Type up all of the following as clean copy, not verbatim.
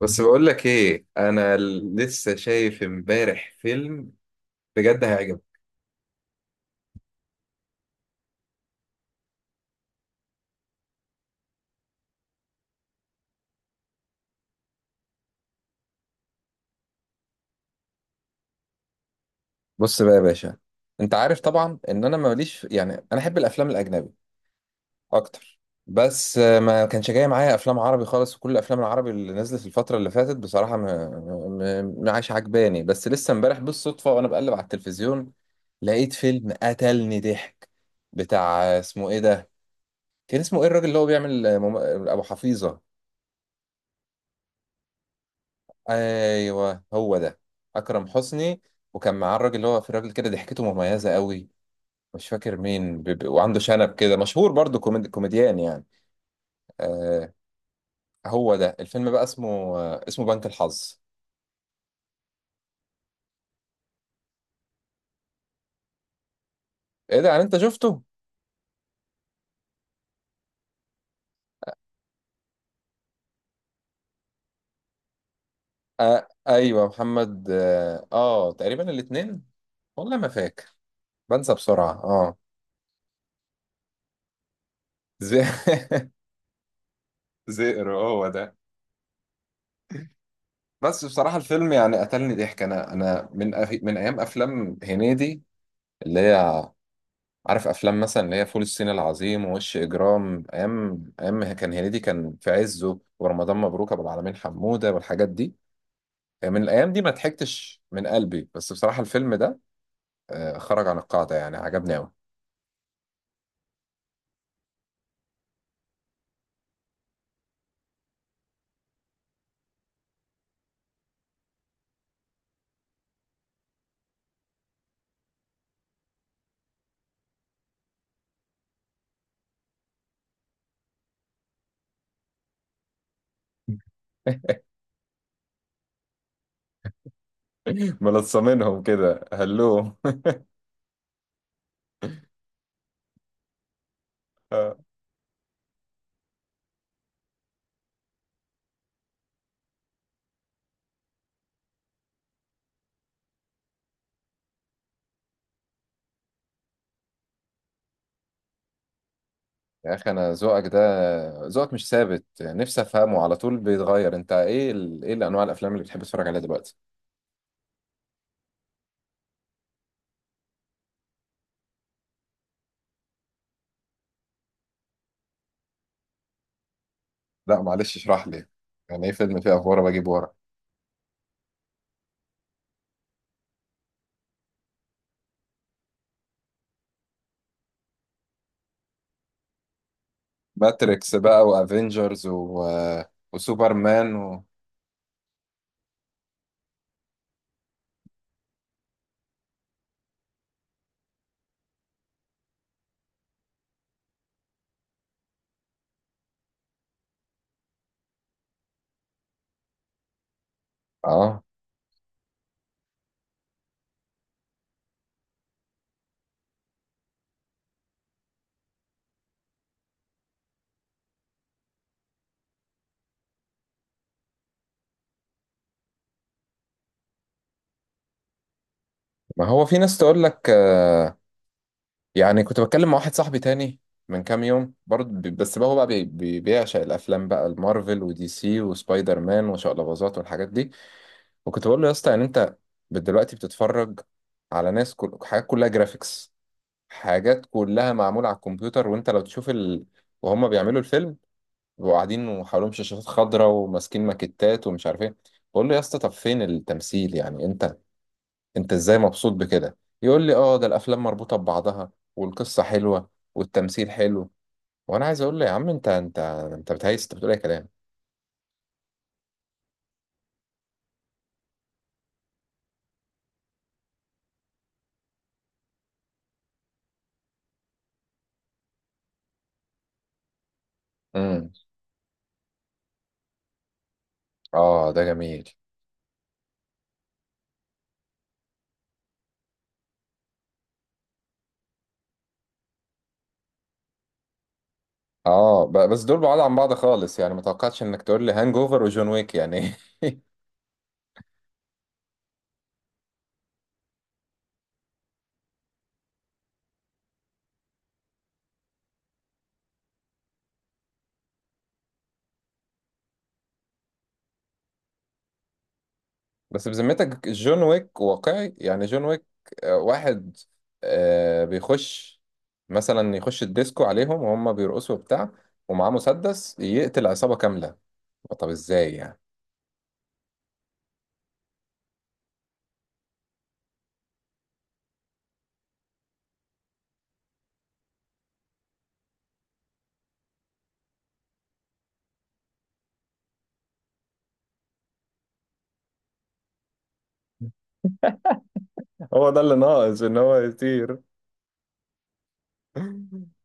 بس بقول لك ايه انا لسه شايف امبارح فيلم بجد هيعجبك. بص بقى يا باشا، انت عارف طبعا ان انا ماليش، يعني انا احب الافلام الاجنبي اكتر. بس ما كانش جاي معايا افلام عربي خالص، وكل الافلام العربي اللي نزلت الفتره اللي فاتت بصراحه ما عايش عجباني. بس لسه امبارح بالصدفه وانا بقلب على التلفزيون لقيت فيلم قتلني ضحك، بتاع اسمه ايه ده؟ كان اسمه ايه الراجل اللي هو بيعمل ابو حفيظه؟ ايوه هو ده، اكرم حسني. وكان معاه الراجل اللي هو في راجل كده ضحكته مميزه قوي، مش فاكر مين وعنده شنب كده مشهور برضو كوميديان يعني. آه، هو ده الفيلم بقى اسمه، آه اسمه بنك الحظ. ايه ده يعني انت شفته؟ آه ايوه محمد آه تقريبا الاتنين. والله ما فاكر، بنسى بسرعه اه. زي... زئر هو ده. بس بصراحه الفيلم يعني قتلني ضحك، انا من من ايام افلام هنيدي، اللي هي، عارف افلام مثلا اللي هي فول الصين العظيم ووش اجرام، ايام ايام ما كان هنيدي كان في عزه، ورمضان مبروك، ابو العالمين حموده، والحاجات دي. من الايام دي ما ضحكتش من قلبي، بس بصراحه الفيلم ده خرج عن القاعده، يعني عجبني قوي. ملصمينهم كده هلو. آه. يا اخي انا ذوقك ده، ذوقك مش ثابت، نفسي افهمه على طول بيتغير. انت ايه ايه الانواع الافلام اللي بتحب تتفرج عليها دلوقتي؟ لا معلش اشرح لي، يعني ايه فيلم فيه افواره بجيب ورا؟ ماتريكس بقى وافنجرز و... وسوبرمان و... اه، ما هو في ناس تقول لك آه، يعني كنت بتكلم مع واحد صاحبي تاني من كام يوم برضه بي- بس بقى هو بقى بي- بي- بيعشق الافلام بقى، المارفل ودي سي وسبايدر مان وشقلباظات والحاجات دي. وكنت بقول له يا اسطى، يعني انت دلوقتي بتتفرج على ناس حاجات كلها جرافيكس، حاجات كلها معمولة على الكمبيوتر. وانت لو تشوف وهم بيعملوا الفيلم بيبقوا قاعدين وحواليهم شاشات خضراء وماسكين ماكيتات ومش عارف ايه. بقول له يا اسطى، طب فين التمثيل يعني؟ انت ازاي مبسوط بكده؟ يقول لي اه، ده الافلام مربوطه ببعضها والقصه حلوه والتمثيل حلو. وانا عايز اقول له يا عم انت بتهيس، انت بتقول اي كلام. امم. اه ده جميل. اه بس دول بعاد عن بعض خالص، يعني ما توقعتش انك تقول لي هانج اوفر وجون ويك يعني. بس بذمتك جون ويك واقعي يعني؟ جون ويك واحد بيخش مثلا يخش الديسكو عليهم وهم بيرقصوا وبتاع، ومعاه مسدس يقتل عصابة كاملة. طب ازاي يعني؟ هو ده اللي ناقص ان هو يطير.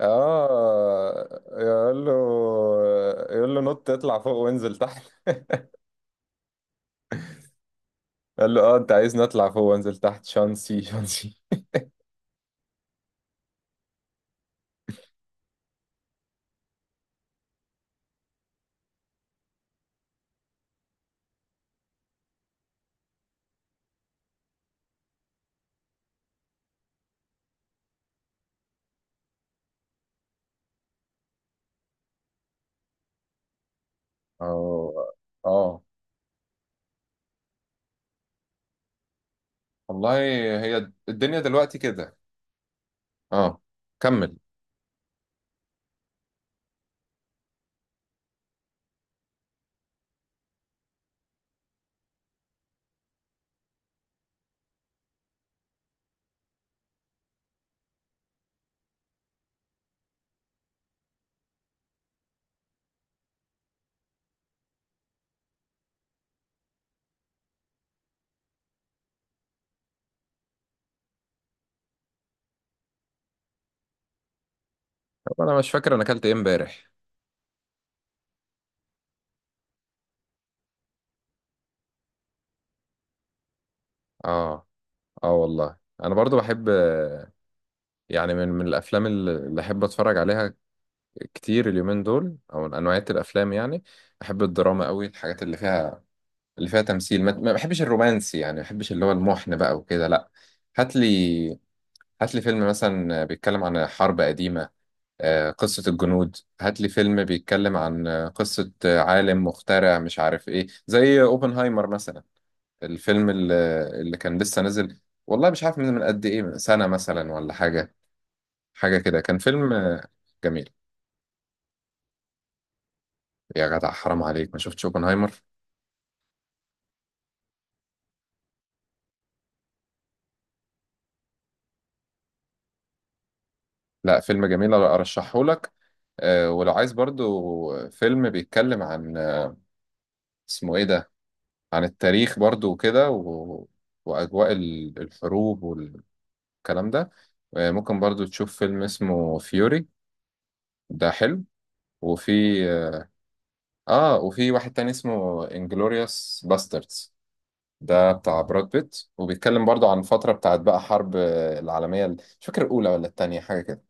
اه يقول له، يقول له نط اطلع فوق وانزل تحت، قال له اه انت عايزني اطلع فوق وانزل تحت شانسي شانسي. اه. اه والله، هي الدنيا دلوقتي كده. اه كمل. طب انا مش فاكر انا اكلت ايه امبارح. اه. اه والله انا برضو بحب، يعني من الافلام اللي احب اتفرج عليها كتير اليومين دول، او من انواعية الافلام يعني، احب الدراما قوي، الحاجات اللي فيها، اللي فيها تمثيل. ما بحبش الرومانسي، يعني ما بحبش اللي هو المحن بقى وكده، لا. هات لي، هات لي فيلم مثلا بيتكلم عن حرب قديمة، قصة الجنود. هات لي فيلم بيتكلم عن قصة عالم مخترع مش عارف ايه، زي اوبنهايمر مثلا، الفيلم اللي كان لسه نازل، والله مش عارف من قد ايه، من سنة مثلا ولا حاجة، حاجة كده. كان فيلم جميل. يا جدع حرام عليك ما شفتش اوبنهايمر؟ لا فيلم جميل ارشحه لك. ولو عايز برضو فيلم بيتكلم عن اسمه ايه ده، عن التاريخ برضو وكده و... واجواء الحروب والكلام ده، ممكن برضو تشوف فيلم اسمه فيوري، ده حلو. وفي اه، وفي واحد تاني اسمه انجلوريوس باستردز، ده بتاع براد بيت، وبيتكلم برضو عن فترة بتاعت بقى حرب العالمية مش فاكر الأولى ولا التانية، حاجة كده.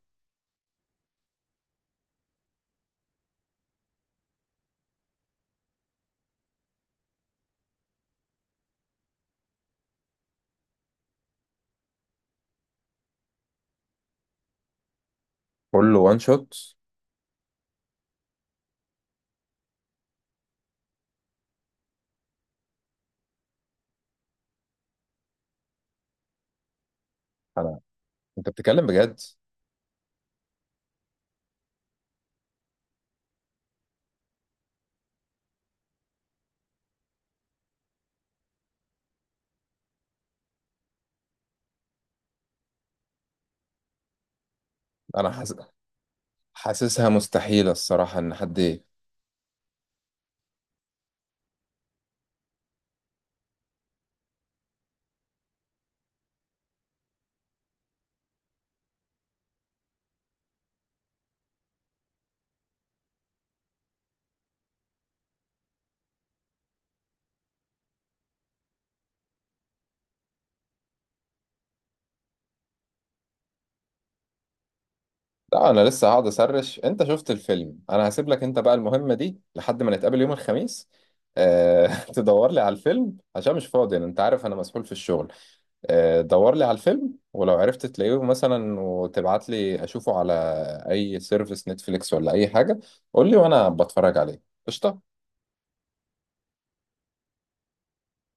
كله وان شوت؟ أنا، أنت بتتكلم بجد؟ أنا حاس... حاسسها مستحيلة الصراحة إن حد إيه. لا أنا لسه هقعد أسرش. أنت شفت الفيلم، أنا هسيب لك أنت بقى المهمة دي لحد ما نتقابل يوم الخميس. أه... تدور لي على الفيلم، عشان مش فاضي أنا، أنت عارف أنا مسحول في الشغل. دور لي على الفيلم، ولو عرفت تلاقيه مثلا وتبعت لي اشوفه على اي سيرفيس، نتفليكس ولا اي حاجة، قول لي وانا بتفرج عليه قشطة.